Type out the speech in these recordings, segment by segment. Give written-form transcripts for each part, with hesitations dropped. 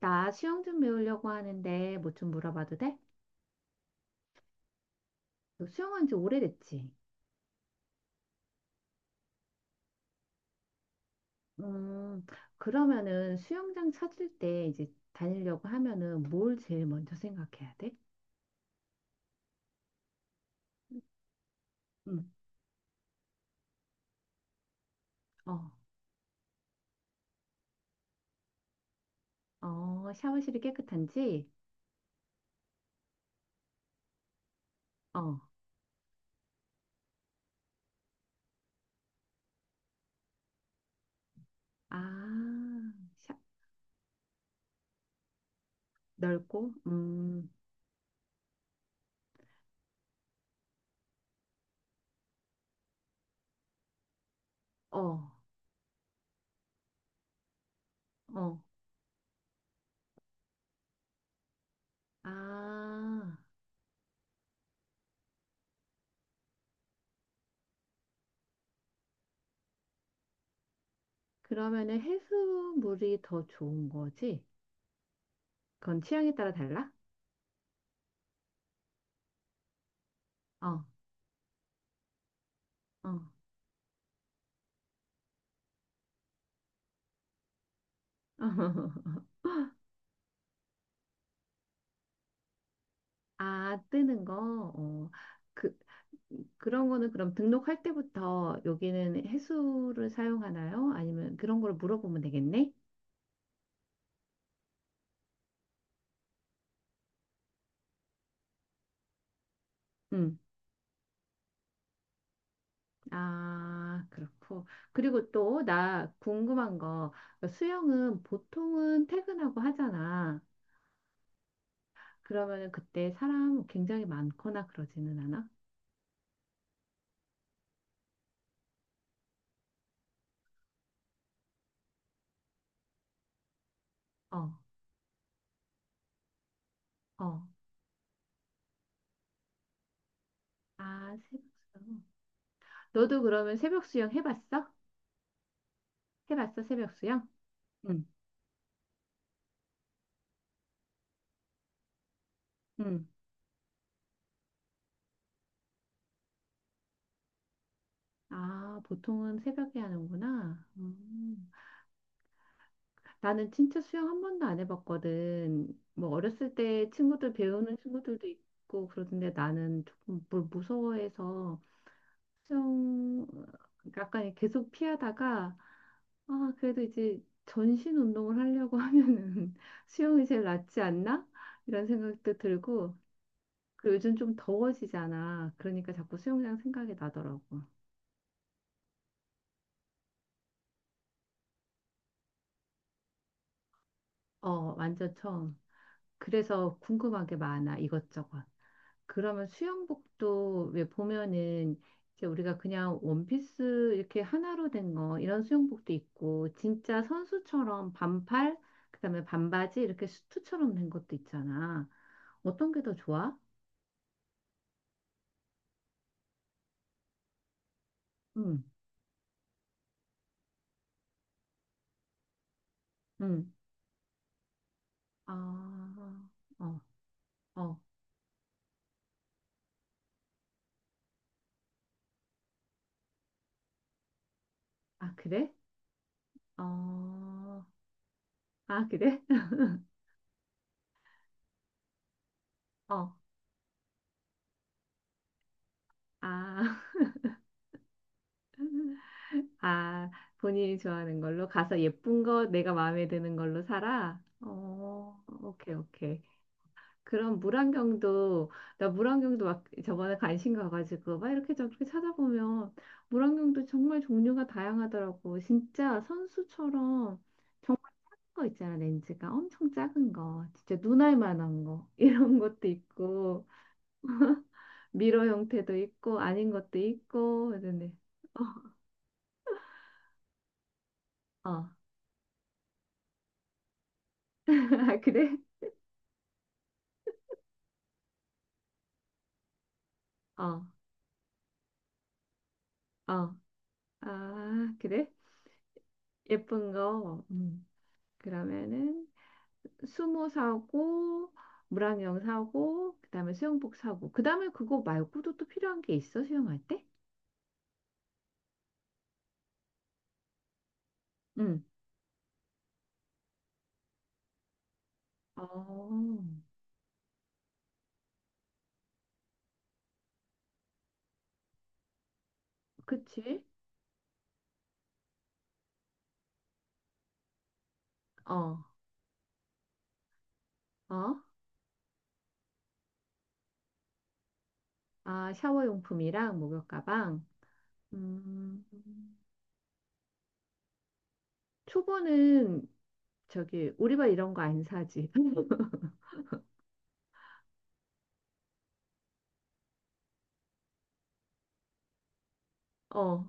나 수영 좀 배우려고 하는데 뭐 좀 물어봐도 돼? 너 수영한 지 오래됐지? 음, 그러면은 수영장 찾을 때 이제 다니려고 하면은 뭘 제일 먼저 생각해야 돼? 응. 어, 어, 샤워실이 깨끗한지? 어, 아, 샤, 넓고? 어, 어, 아, 그러면은 해수물이 더 좋은 거지? 그건 취향에 따라 달라? 어, 어. 아, 뜨는 거. 어, 그, 그런 거는 그럼 등록할 때부터 여기는 해수를 사용하나요? 아니면 그런 걸 물어보면 되겠네? 음. 아, 그렇고. 그리고 또 나 궁금한 거. 수영은 보통은 퇴근하고 하잖아. 그러면은 그때 사람 굉장히 많거나 그러지는 않아? 어, 어. 아, 새벽 수영. 너도 그러면 새벽 수영 해봤어? 해봤어, 새벽 수영? 응, 응. 아, 보통은 새벽에 하는구나. 음. 나는 진짜 수영 한 번도 안 해봤거든. 뭐 어렸을 때 친구들 배우는 친구들도 있고 그러던데 나는 조금 물 무서워해서 수영 약간 계속 피하다가 아 그래도 이제 전신 운동을 하려고 하면은 수영이 제일 낫지 않나? 이런 생각도 들고 그리고 요즘 좀 더워지잖아. 그러니까 자꾸 수영장 생각이 나더라고. 어, 완전 처음. 그래서 궁금한 게 많아, 이것저것. 그러면 수영복도 왜 보면은 이제 우리가 그냥 원피스 이렇게 하나로 된 거, 이런 수영복도 있고, 진짜 선수처럼 반팔, 그다음에 반바지 이렇게 수트처럼 된 것도 있잖아. 어떤 게 더 좋아? 응, 응. 아, 어, 어. 아, 그래? 어, 아, 그래? 어, 아. 아, 본인이 좋아하는 걸로 가서 예쁜 거 내가 마음에 드는 걸로 사라. 어, 오케이, 오케이. 그럼 물안경도 나 물안경도 막 저번에 관심 가가지고 막 이렇게 저렇게 찾아보면 물안경도 정말 종류가 다양하더라고. 진짜 선수처럼 정말 작은 거 있잖아, 렌즈가 엄청 작은 거, 진짜 눈알 만한 거 이런 것도 있고 미러 형태도 있고 아닌 것도 있고 그러네. 어, 어, 아, 그래? 어, 어. 아, 그래? 예쁜 거. 음. 그러면은 수모 사고, 물안경 사고, 그다음에 수영복 사고. 그다음에 그거 말고도 또 필요한 게 있어? 수영할 때? 응. 어, 그치? 어, 어. 아, 샤워 용품이랑 목욕 가방. 음. 초보는 저기 우리발 이런 거 안 사지. 어.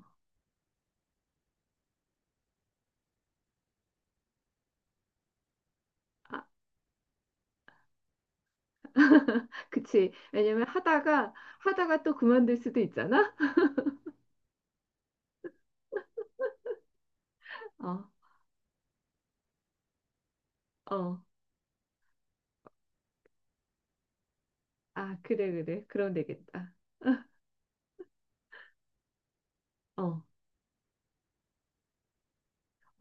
아, 그치. 왜냐면 하다가 하다가 또 그만둘 수도 있잖아. 어. 어. 아, 그래, 그래. 그럼 되겠다. 어,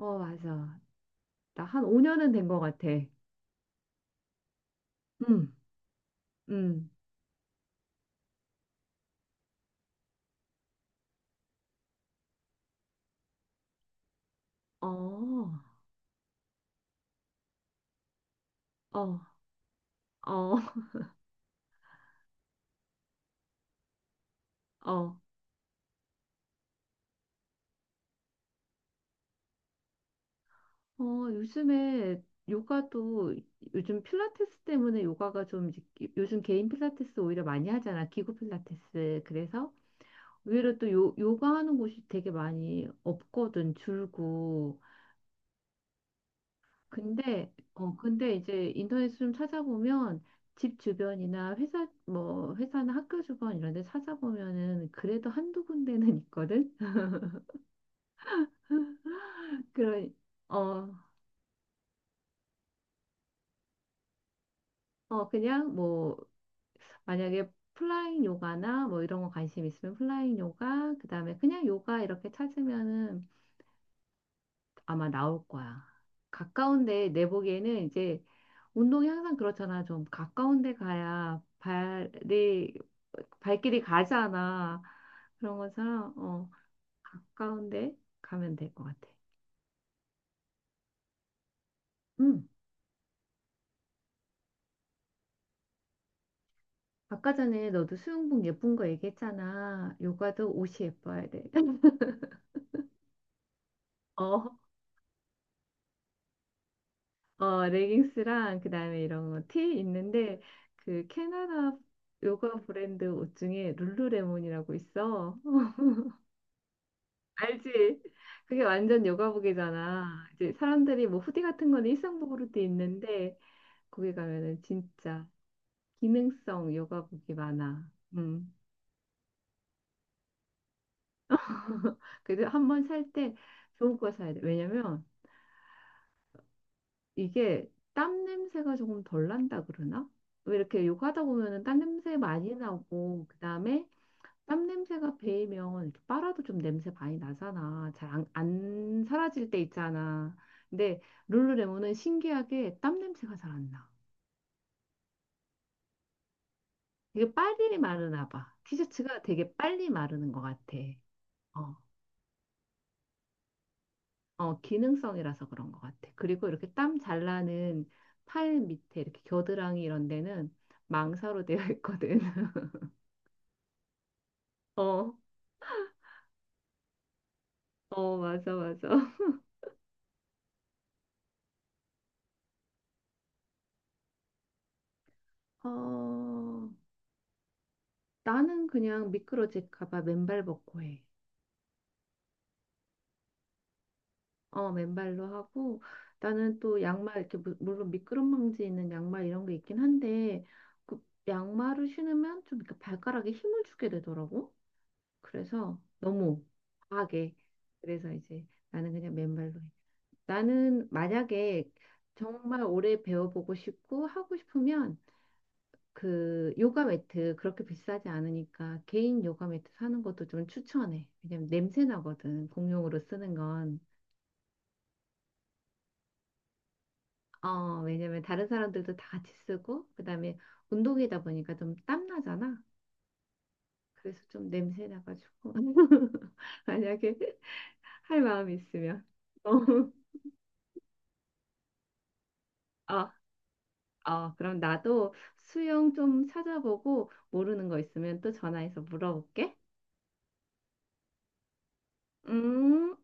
어, 맞아. 나 한 5년은 된 것 같아. 음, 음. 어, 어, 어, 어. 어, 요즘에 요가도 요즘 필라테스 때문에 요가가 좀 이제 요즘 개인 필라테스 오히려 많이 하잖아. 기구 필라테스. 그래서 의외로 또 요가 하는 곳이 되게 많이 없거든. 줄고. 근데 어 근데 이제 인터넷 좀 찾아보면 집 주변이나 회사 뭐 회사나 학교 주변 이런 데 찾아보면은 그래도 한두 군데는 있거든. 그런 어어 그냥 뭐 만약에 플라잉 요가나 뭐 이런 거 관심 있으면 플라잉 요가 그다음에 그냥 요가 이렇게 찾으면은 아마 나올 거야. 가까운데 내 보기에는 이제 운동이 항상 그렇잖아. 좀 가까운 데 가야 발이, 발길이 가잖아. 그런 것처럼, 어, 가까운 데 가면 될 것 같아. 음. 아까 전에 너도 수영복 예쁜 거 얘기했잖아. 요가도 옷이 예뻐야 돼. 어, 어, 레깅스랑 그다음에 이런 거, 티 있는데 그 캐나다 요가 브랜드 옷 중에 룰루레몬이라고 있어. 알지? 그게 완전 요가복이잖아. 이제 사람들이 뭐 후디 같은 건 일상복으로도 있는데 거기 가면은 진짜 기능성 요가복이 많아. 음. 그래도 한번 살 때 좋은 거 사야 돼. 왜냐면 이게 땀 냄새가 조금 덜 난다 그러나? 왜 이렇게 요가하다 보면은 땀 냄새 많이 나고 그다음에 땀 냄새가 배이면 이렇게 빨아도 좀 냄새 많이 나잖아. 잘 안 사라질 때 있잖아. 근데 룰루레몬은 신기하게 땀 냄새가 잘 안 나. 이게 빨리 마르나 봐. 티셔츠가 되게 빨리 마르는 것 같아. 어, 어, 기능성이라서 그런 것 같아. 그리고 이렇게 땀 잘 나는 팔 밑에 이렇게 겨드랑이 이런 데는 망사로 되어 있거든. 어, 어, 맞아, 맞아. 어, 나는 그냥 미끄러질까 봐 맨발 벗고 해. 어, 맨발로 하고 나는 또 양말 이렇게 물론 미끄럼방지 있는 양말 이런 게 있긴 한데 그 양말을 신으면 좀 이렇게 발가락에 힘을 주게 되더라고. 그래서 너무 과하게 그래서 이제 나는 그냥 맨발로 해. 나는 만약에 정말 오래 배워보고 싶고 하고 싶으면 그 요가 매트 그렇게 비싸지 않으니까 개인 요가 매트 사는 것도 좀 추천해. 왜냐면 냄새 나거든. 공용으로 쓰는 건. 어, 왜냐면 다른 사람들도 다 같이 쓰고, 그 다음에 운동이다 보니까 좀 땀나잖아. 그래서 좀 냄새 나가지고. 만약에 할 마음이 있으면. 어, 어, 어, 그럼 나도 수영 좀 찾아보고 모르는 거 있으면 또 전화해서 물어볼게. 음.